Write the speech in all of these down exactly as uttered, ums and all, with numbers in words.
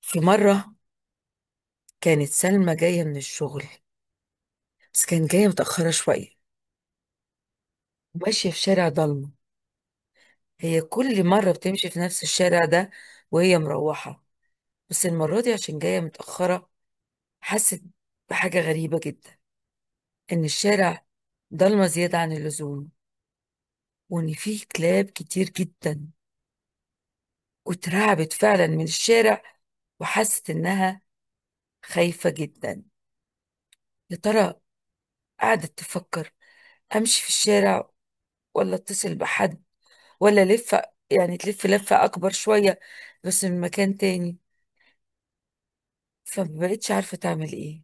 في مرة كانت سلمى جاية من الشغل، بس كانت جاية متأخرة شوية، وماشية في شارع ضلمة. هي كل مرة بتمشي في نفس الشارع ده وهي مروحة، بس المرة دي عشان جاية متأخرة حست بحاجة غريبة جدا. إن الشارع ضلمة زيادة عن اللزوم، وإن فيه كلاب كتير جدا، واترعبت فعلا من الشارع، وحست إنها خايفة جدا. يا ترى قعدت تفكر، أمشي في الشارع ولا أتصل بحد ولا لفة، يعني تلف لفة أكبر شوية بس من مكان تاني. فمبقتش عارفة تعمل إيه.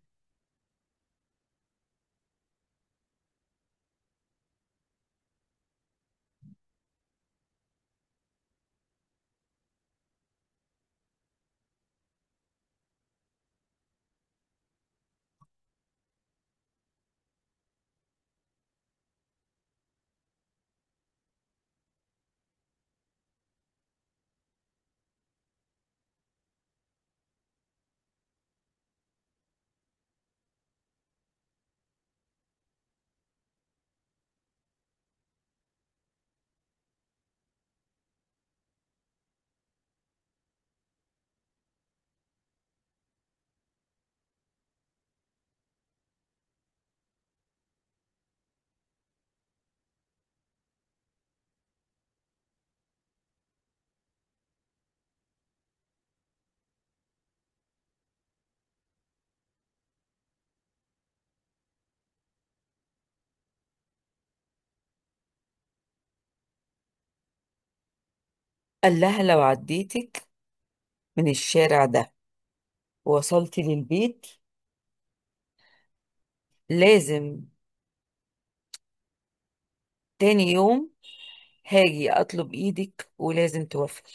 قال لها لو عديتك من الشارع ده ووصلتي للبيت، لازم تاني يوم هاجي أطلب إيدك ولازم توافقي.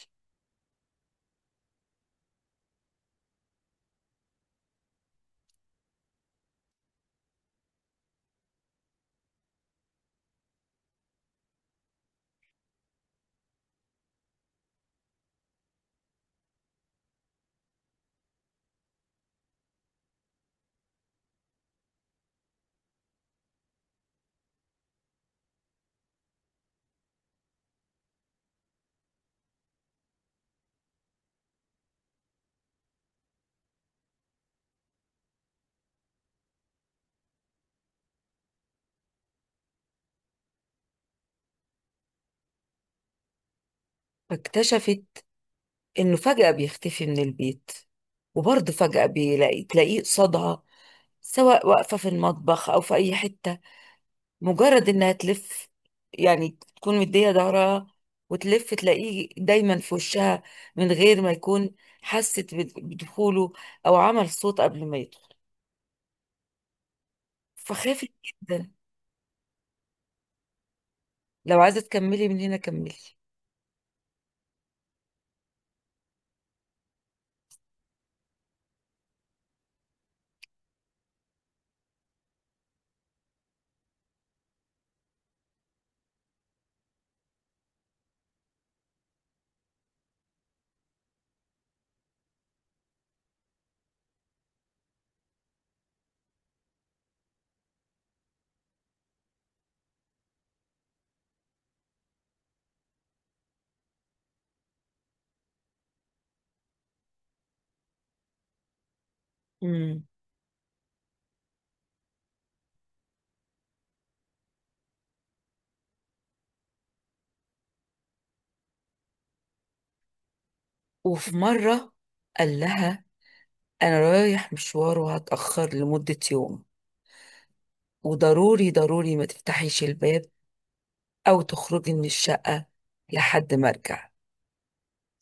فاكتشفت إنه فجأة بيختفي من البيت، وبرضه فجأة بيلاقي تلاقيه قصادها، سواء واقفة في المطبخ أو في أي حتة. مجرد انها تلف، يعني تكون مدية ظهرها وتلف تلاقيه دايما في وشها، من غير ما يكون حست بد- بدخوله او عمل صوت قبل ما يدخل. فخافت جدا. لو عايزة تكملي من هنا كملي. امم وفي مرة قال لها انا رايح مشوار وهتأخر لمدة يوم، وضروري ضروري ما تفتحيش الباب او تخرجي من الشقة لحد ما ارجع.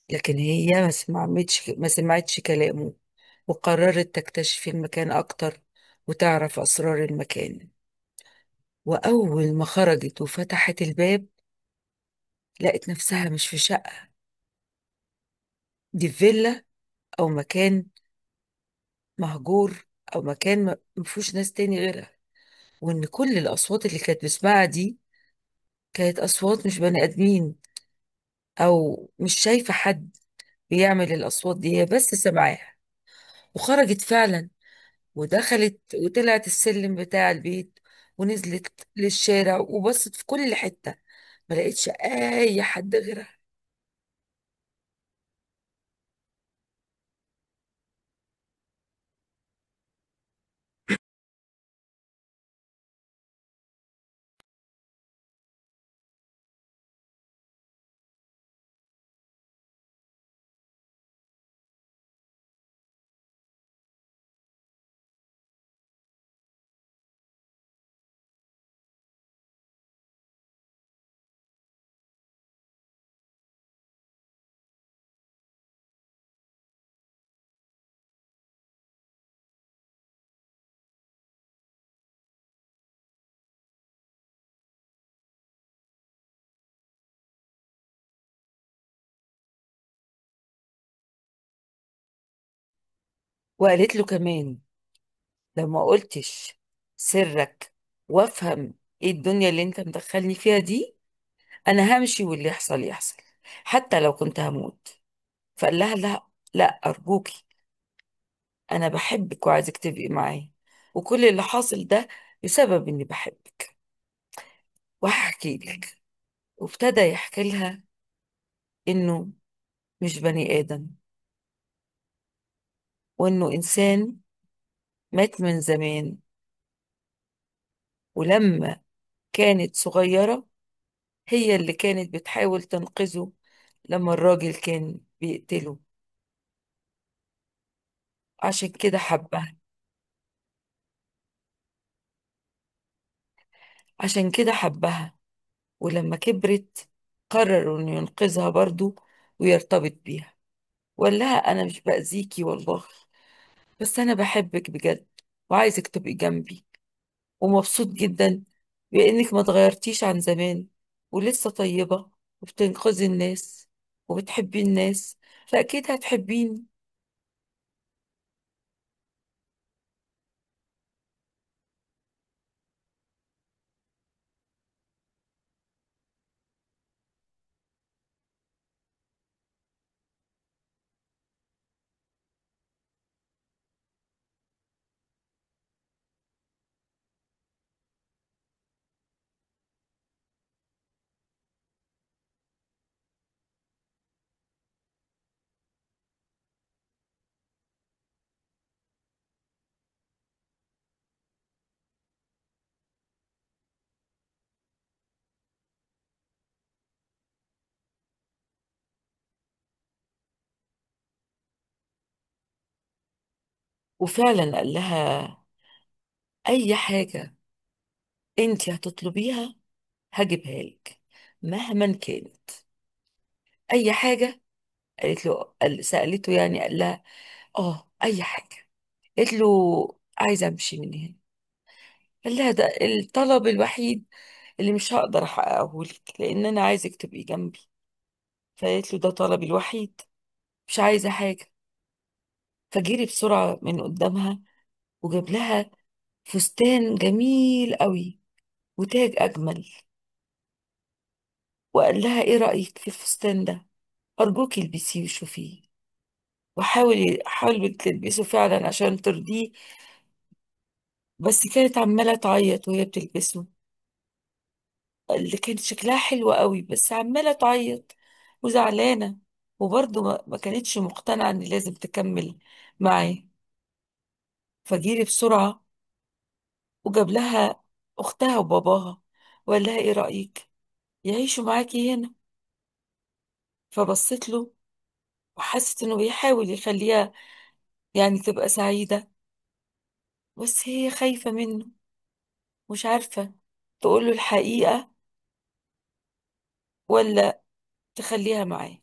لكن هي ما سمعتش ما سمعتش كلامه، وقررت تكتشف المكان أكتر وتعرف أسرار المكان. وأول ما خرجت وفتحت الباب، لقت نفسها مش في شقة، دي في فيلا أو مكان مهجور، أو مكان ما ما فيهوش ناس تاني غيرها. وإن كل الأصوات اللي كانت بتسمعها دي كانت أصوات مش بني آدمين، أو مش شايفة حد بيعمل الأصوات دي، هي بس سمعاها. وخرجت فعلا ودخلت وطلعت السلم بتاع البيت، ونزلت للشارع وبصت في كل حتة، ما لقيتش اي حد غيرها. وقالت له كمان، لو ما قلتش سرك وافهم ايه الدنيا اللي انت مدخلني فيها دي، انا همشي واللي يحصل يحصل، حتى لو كنت هموت. فقال لها لا، لا ارجوكي، انا بحبك وعايزك تبقي معايا، وكل اللي حاصل ده بسبب اني بحبك. وهحكي لك. وابتدى يحكي لها انه مش بني ادم، وانه انسان مات من زمان، ولما كانت صغيرة هي اللي كانت بتحاول تنقذه لما الراجل كان بيقتله، عشان كده حبها. عشان كده حبها ولما كبرت قرروا انه ينقذها برضه ويرتبط بيها. وقال لها انا مش باذيكي والله، بس انا بحبك بجد وعايزك تبقي جنبي، ومبسوط جدا بانك ما اتغيرتيش عن زمان، ولسه طيبة وبتنقذي الناس وبتحبي الناس، فاكيد هتحبيني. وفعلا قال لها اي حاجة انت هتطلبيها هجيبها لك، مهما كانت، اي حاجه. قالت له، قال- سالته، يعني قال لها اه اي حاجه، قالت له عايزه امشي من هنا. قال لها ده الطلب الوحيد اللي مش هقدر احققه لك، لان انا عايزك تبقي جنبي. فقالت له ده طلبي الوحيد، مش عايزه حاجه. فجري بسرعه من قدامها وجاب لها فستان جميل قوي وتاج اجمل، وقال لها ايه رايك في الفستان ده، ارجوك البسيه وشوفيه. وحاول حاول تلبسه فعلا عشان ترضيه، بس كانت عمالة تعيط وهي بتلبسه، اللي كانت شكلها حلو قوي بس عمالة تعيط وزعلانة، وبرضه ما ما كانتش مقتنعة ان لازم تكمل معاه. فجيري بسرعة وجاب لها أختها وباباها، وقال لها ايه رأيك يعيشوا معاكي هنا. فبصت له وحست انه بيحاول يخليها يعني تبقى سعيدة، بس هي خايفة منه، مش عارفة تقول له الحقيقة ولا تخليها معاه.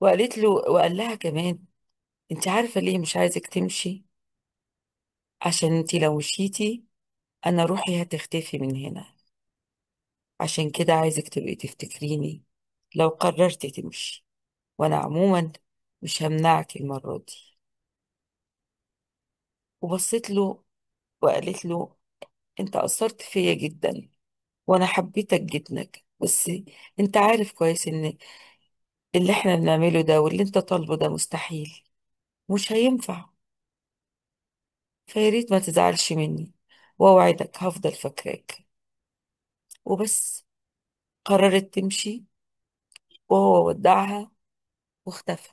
وقالت له، وقال لها كمان، انت عارفة ليه مش عايزك تمشي؟ عشان انت لو مشيتي انا روحي هتختفي من هنا، عشان كده عايزك تبقي تفتكريني لو قررت تمشي، وانا عموما مش همنعك المرة دي. وبصيت له وقالت له انت اثرت فيا جدا، وانا حبيتك جدا، بس انت عارف كويس ان اللي احنا بنعمله ده واللي انت طالبه ده مستحيل، مش هينفع، فياريت ما تزعلش مني، وأوعدك هفضل فاكراك. وبس قررت تمشي، وهو ودعها واختفى.